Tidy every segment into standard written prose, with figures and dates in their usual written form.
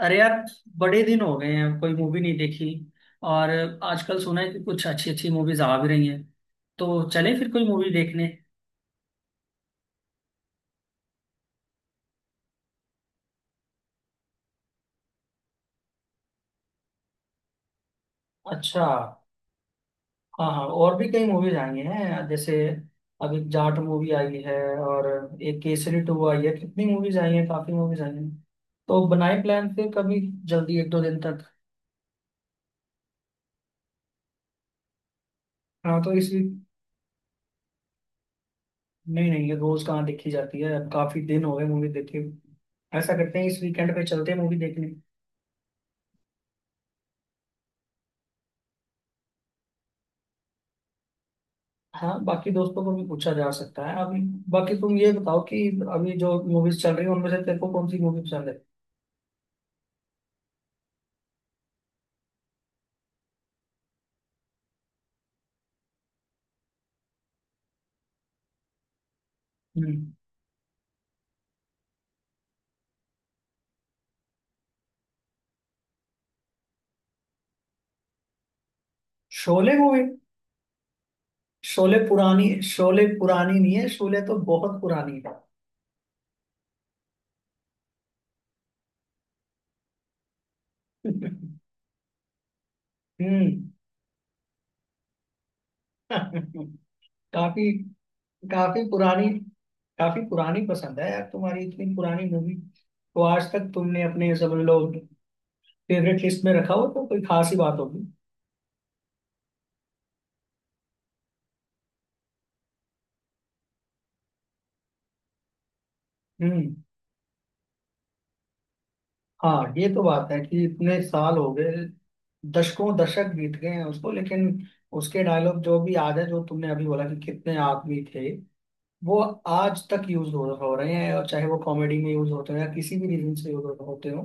अरे यार, बड़े दिन हो गए हैं, कोई मूवी नहीं देखी। और आजकल सुना है कि कुछ अच्छी अच्छी मूवीज आ भी रही हैं, तो चले फिर कोई मूवी देखने। अच्छा। हाँ हाँ, और भी कई मूवीज आई हैं, जैसे अभी जाट मूवी आई है, और एक केसरी टू आई है। कितनी मूवीज आई हैं, काफी मूवीज आई हैं। तो बनाए प्लान फिर कभी, जल्दी एक दो दिन तक। हाँ, तो इस वीक। नहीं नहीं, ये रोज कहाँ देखी जाती है, अब काफी दिन हो गए मूवी देखे। ऐसा करते हैं, इस वीकेंड पे चलते हैं मूवी देखने। हाँ, बाकी दोस्तों को भी पूछा जा सकता है अभी। बाकी तुम ये बताओ कि अभी जो मूवीज चल रही है, उनमें से तेरे को कौन सी मूवी पसंद है? हम्म। शोले मूवी? शोले पुरानी, शोले पुरानी नहीं है, शोले तो बहुत पुरानी है। हम्म। काफी। काफी पुरानी। काफी पुरानी पसंद है यार तुम्हारी, इतनी पुरानी मूवी। तो आज तक तुमने अपने, समझ लो, फेवरेट लिस्ट में रखा हो तो कोई खास ही बात होगी। हम्म। हाँ, ये तो बात है कि इतने साल हो गए, दशकों दशक बीत गए हैं उसको, लेकिन उसके डायलॉग जो भी आज है, जो तुमने अभी बोला कि कितने आदमी थे, वो आज तक यूज हो रहे हैं। और चाहे वो कॉमेडी में यूज होते हो, या किसी भी रीजन से यूज होते हो,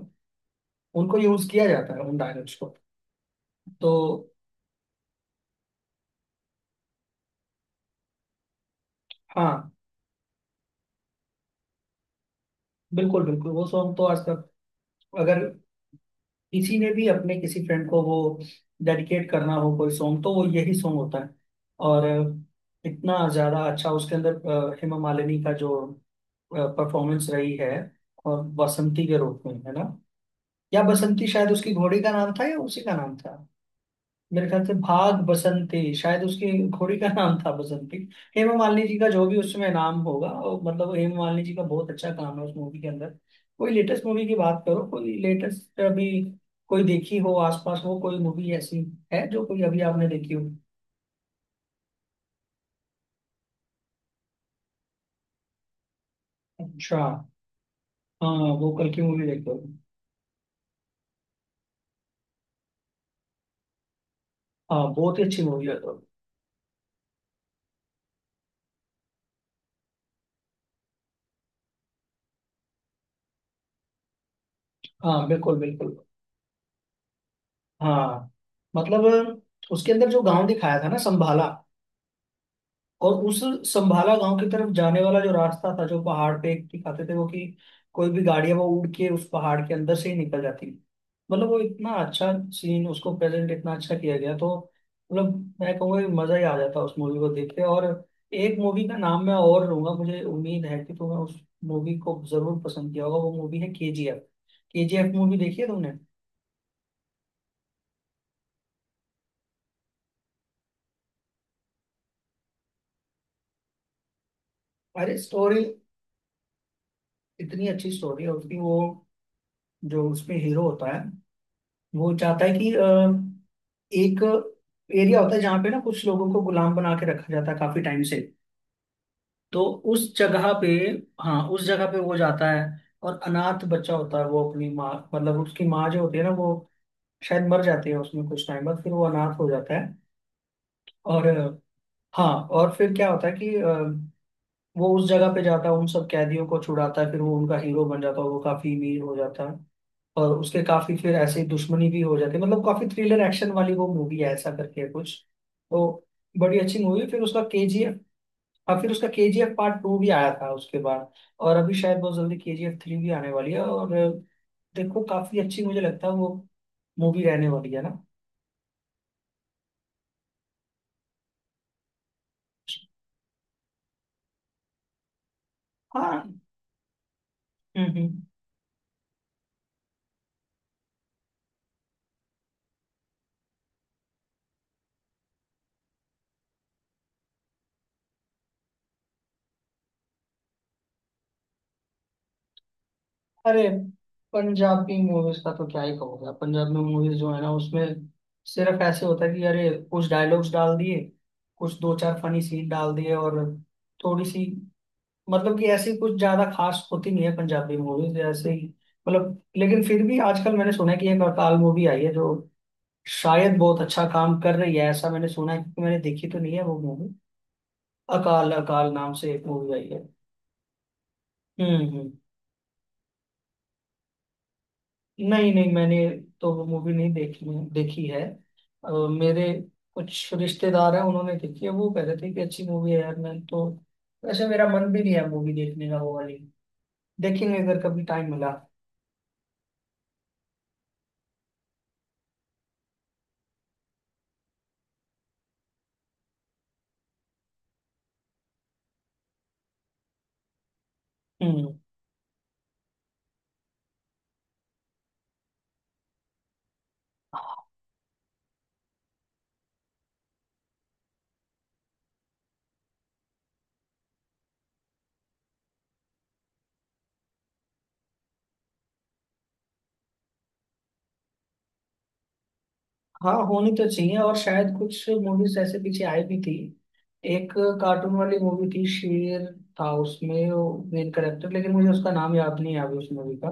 उनको यूज किया जाता है, उन डायलॉग्स को। तो हाँ, बिल्कुल बिल्कुल, वो सॉन्ग तो आज तक, अगर किसी ने भी अपने किसी फ्रेंड को वो डेडिकेट करना हो कोई सॉन्ग, तो वो यही सॉन्ग होता है। और इतना ज्यादा अच्छा उसके अंदर हेमा मालिनी का जो परफॉर्मेंस रही है, और बसंती के रूप में, है ना? या बसंती शायद उसकी घोड़ी का नाम था, या उसी का नाम था। मेरे ख्याल से भाग बसंती, शायद उसकी घोड़ी का नाम था बसंती। हेमा मालिनी जी का जो भी उसमें नाम होगा, और मतलब हेमा मालिनी जी का बहुत अच्छा काम है उस मूवी के अंदर। कोई लेटेस्ट मूवी की बात करो, कोई लेटेस्ट अभी कोई देखी हो, आसपास हो कोई मूवी ऐसी, है जो कोई अभी आपने देखी हो? अच्छा। हाँ, वो कल की मूवी देखो। हाँ, बहुत ही अच्छी मूवी है तो। हाँ बिल्कुल बिल्कुल। हाँ, मतलब उसके अंदर जो गांव दिखाया था ना, संभाला, और उस संभाला गांव की तरफ जाने वाला जो रास्ता था, जो पहाड़ पे दिखाते थे वो, कि कोई भी गाड़ियां वो उड़ के उस पहाड़ के अंदर से ही निकल जाती। मतलब वो इतना अच्छा सीन, उसको प्रेजेंट इतना अच्छा किया गया। तो मतलब मैं कहूँगा कि मजा ही आ जाता उस मूवी को देख के। और एक मूवी का नाम मैं और लूंगा, मुझे उम्मीद है कि तुम्हें उस मूवी को जरूर पसंद किया होगा। वो मूवी है K G F. K G F movie देखी है तुमने? अरे, स्टोरी इतनी अच्छी स्टोरी है उसकी। वो जो उसमें हीरो होता है, वो चाहता है कि एक एरिया होता है जहाँ पे ना कुछ लोगों को गुलाम बना के रखा जाता है काफी टाइम से। तो उस जगह पे, हाँ उस जगह पे वो जाता है। और अनाथ बच्चा होता है, वो अपनी माँ, मतलब उसकी माँ जो होती है ना, वो शायद मर जाती है उसमें, कुछ टाइम बाद फिर वो अनाथ हो जाता है। और हाँ, और फिर क्या होता है कि वो उस जगह पे जाता है, उन सब कैदियों को छुड़ाता है, फिर वो उनका हीरो बन जाता है, वो काफी अमीर हो जाता है। और उसके काफी फिर ऐसे ही दुश्मनी भी हो जाती है, मतलब काफी थ्रिलर एक्शन वाली वो मूवी है, ऐसा करके है कुछ। तो बड़ी अच्छी मूवी, फिर उसका केजीएफ, अब फिर उसका केजीएफ पार्ट टू भी आया था उसके बाद। और अभी शायद बहुत जल्दी केजीएफ थ्री भी आने वाली है। और देखो, काफी अच्छी मुझे लगता है वो मूवी रहने वाली है ना। हाँ। हम्म। अरे, पंजाबी मूवीज का तो क्या ही कहोगे आप। पंजाबी मूवीज जो है ना, उसमें सिर्फ ऐसे होता है कि अरे कुछ डायलॉग्स डाल दिए, कुछ दो चार फनी सीन डाल दिए, और थोड़ी सी, मतलब कि ऐसी कुछ ज्यादा खास होती नहीं है पंजाबी मूवीज, ऐसे ही। मतलब लेकिन फिर भी आजकल मैंने सुना है कि एक अकाल मूवी आई है, जो शायद बहुत अच्छा काम कर रही है, ऐसा मैंने सुना है, क्योंकि मैंने देखी तो नहीं है वो मूवी। अकाल, अकाल नाम से एक मूवी आई है। हम्म। नहीं नहीं, मैंने तो वो मूवी नहीं देखी। देखी है मेरे कुछ रिश्तेदार हैं, उन्होंने देखी है। वो कह रहे थे कि अच्छी मूवी है यार। मैं तो वैसे मेरा मन भी नहीं है मूवी देखने का वो वाली। देखेंगे अगर कभी टाइम मिला। हम्म। हाँ, होनी तो चाहिए, और शायद कुछ मूवीज ऐसे पीछे आई भी थी। एक कार्टून वाली मूवी थी, शेर था उसमें वो मेन करेक्टर, लेकिन मुझे उसका नाम याद नहीं है अभी उस मूवी का।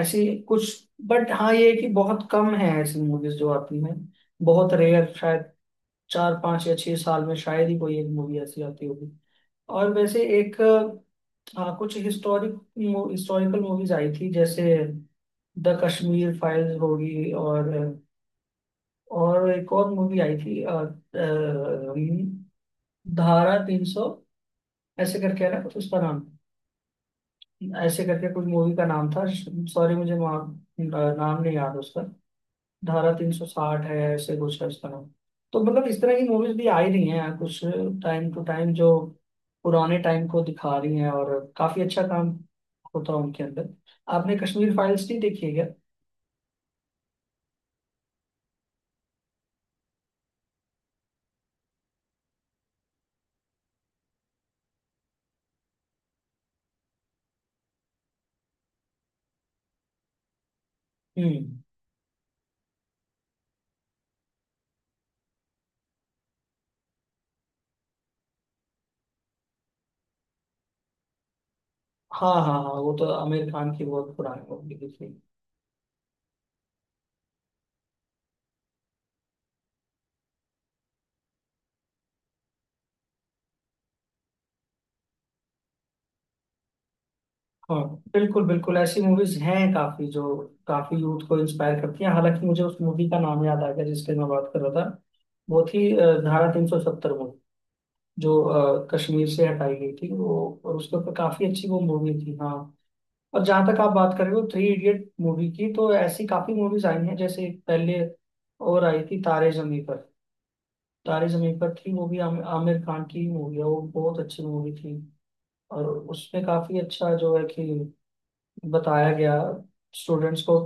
ऐसी कुछ, बट हाँ, ये है कि बहुत कम है ऐसी मूवीज जो आती हैं। बहुत रेयर, शायद चार पांच या छह साल में शायद ही कोई एक मूवी ऐसी आती होगी। और वैसे एक, हाँ कुछ हिस्टोरिक, हिस्टोरिकल मूवीज आई थी, जैसे द कश्मीर फाइल्स होगी, और एक और मूवी आई थी धारा 300, ऐसे करके है ना कुछ उसका नाम, ऐसे करके कुछ मूवी का नाम था। सॉरी, मुझे अ, नाम नहीं याद उसका। धारा 360 है, ऐसे कुछ है उसका नाम। तो मतलब इस तरह की मूवीज भी आ ही रही हैं यार कुछ, टाइम टू टाइम, जो पुराने टाइम को दिखा रही हैं, और काफी अच्छा काम होता है उनके अंदर। आपने कश्मीर फाइल्स नहीं देखी है क्या? हम्म। हाँ हाँ हाँ, वो तो आमिर खान की बहुत पुरानी मूवी देखी। हाँ बिल्कुल बिल्कुल, ऐसी मूवीज हैं काफी जो काफी यूथ को इंस्पायर करती हैं। हालांकि मुझे उस मूवी का नाम याद आ गया जिसके मैं बात कर रहा था। वो थी धारा 370, जो कश्मीर से हटाई गई थी वो, और उसके ऊपर काफी अच्छी वो मूवी थी, हाँ। और जहाँ तक आप बात कर रहे हो थ्री इडियट मूवी की, तो ऐसी काफी मूवीज आई हैं, जैसे पहले और आई थी तारे जमी पर। तारे जमी पर थी मूवी, आमिर खान की मूवी है वो, बहुत अच्छी मूवी थी। और उसमें काफी अच्छा जो है कि बताया गया स्टूडेंट्स को।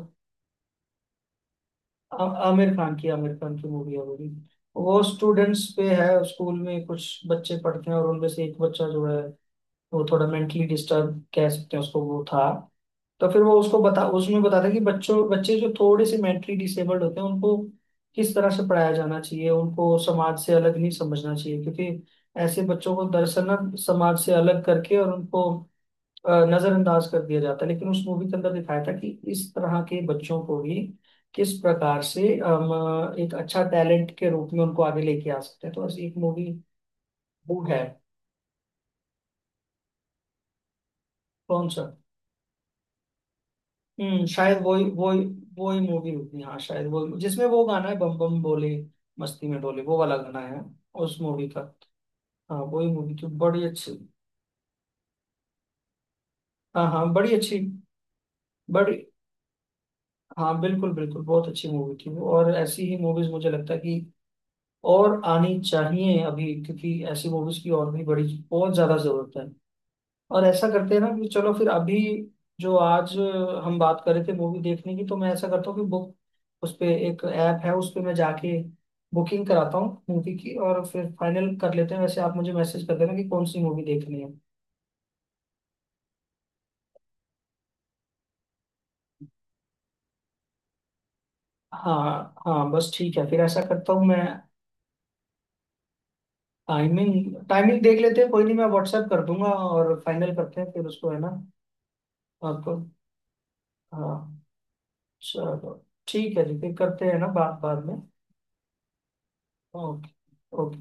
आमिर खान की, आमिर खान की मूवी है वो भी। वो स्टूडेंट्स पे है, स्कूल में कुछ बच्चे पढ़ते हैं, और उनमें से एक बच्चा जो है, वो थोड़ा मेंटली डिस्टर्ब कह सकते हैं उसको, वो था। तो फिर वो उसको बता, उसमें बताता है कि बच्चों, बच्चे जो थोड़े से मेंटली डिसेबल्ड होते हैं उनको किस तरह से पढ़ाया जाना चाहिए, उनको समाज से अलग नहीं समझना चाहिए। क्योंकि ऐसे बच्चों को दरअसल ना समाज से अलग करके और उनको नजरअंदाज कर दिया जाता है। लेकिन उस मूवी के अंदर दिखाया था कि इस तरह के बच्चों को भी किस प्रकार से हम एक अच्छा टैलेंट के रूप में उनको आगे लेके आ सकते हैं। तो ऐसी एक मूवी, वो है। कौन सा? हम्म, शायद वही वही, वही मूवी होगी हाँ, शायद वो जिसमें वो गाना है, बम बम बोले मस्ती में डोले, वो वाला गाना है उस मूवी का। हाँ, वही मूवी थी, बड़ी अच्छी। हाँ हाँ, बड़ी अच्छी। बड़ी, हाँ बिल्कुल बिल्कुल, बहुत अच्छी मूवी थी वो। और ऐसी ही मूवीज मुझे लगता है कि और आनी चाहिए अभी, क्योंकि ऐसी मूवीज की और भी बड़ी, बहुत ज्यादा जरूरत है। और ऐसा करते हैं ना कि चलो फिर अभी, जो आज हम बात कर रहे थे मूवी देखने की, तो मैं ऐसा करता हूँ कि बुक, उस पे एक ऐप है, उस पे मैं जाके बुकिंग कराता हूँ मूवी की, और फिर फाइनल कर लेते हैं। वैसे आप मुझे मैसेज कर देना कि कौन सी मूवी देखनी है। हाँ हाँ बस, ठीक है, फिर ऐसा करता हूँ मैं। टाइमिंग, टाइमिंग देख लेते हैं कोई नहीं, मैं व्हाट्सएप कर दूंगा और फाइनल करते हैं फिर उसको, है ना? आपको, हाँ। चलो, ठीक है जी, फिर करते हैं ना बात बाद में। ओके। ओके।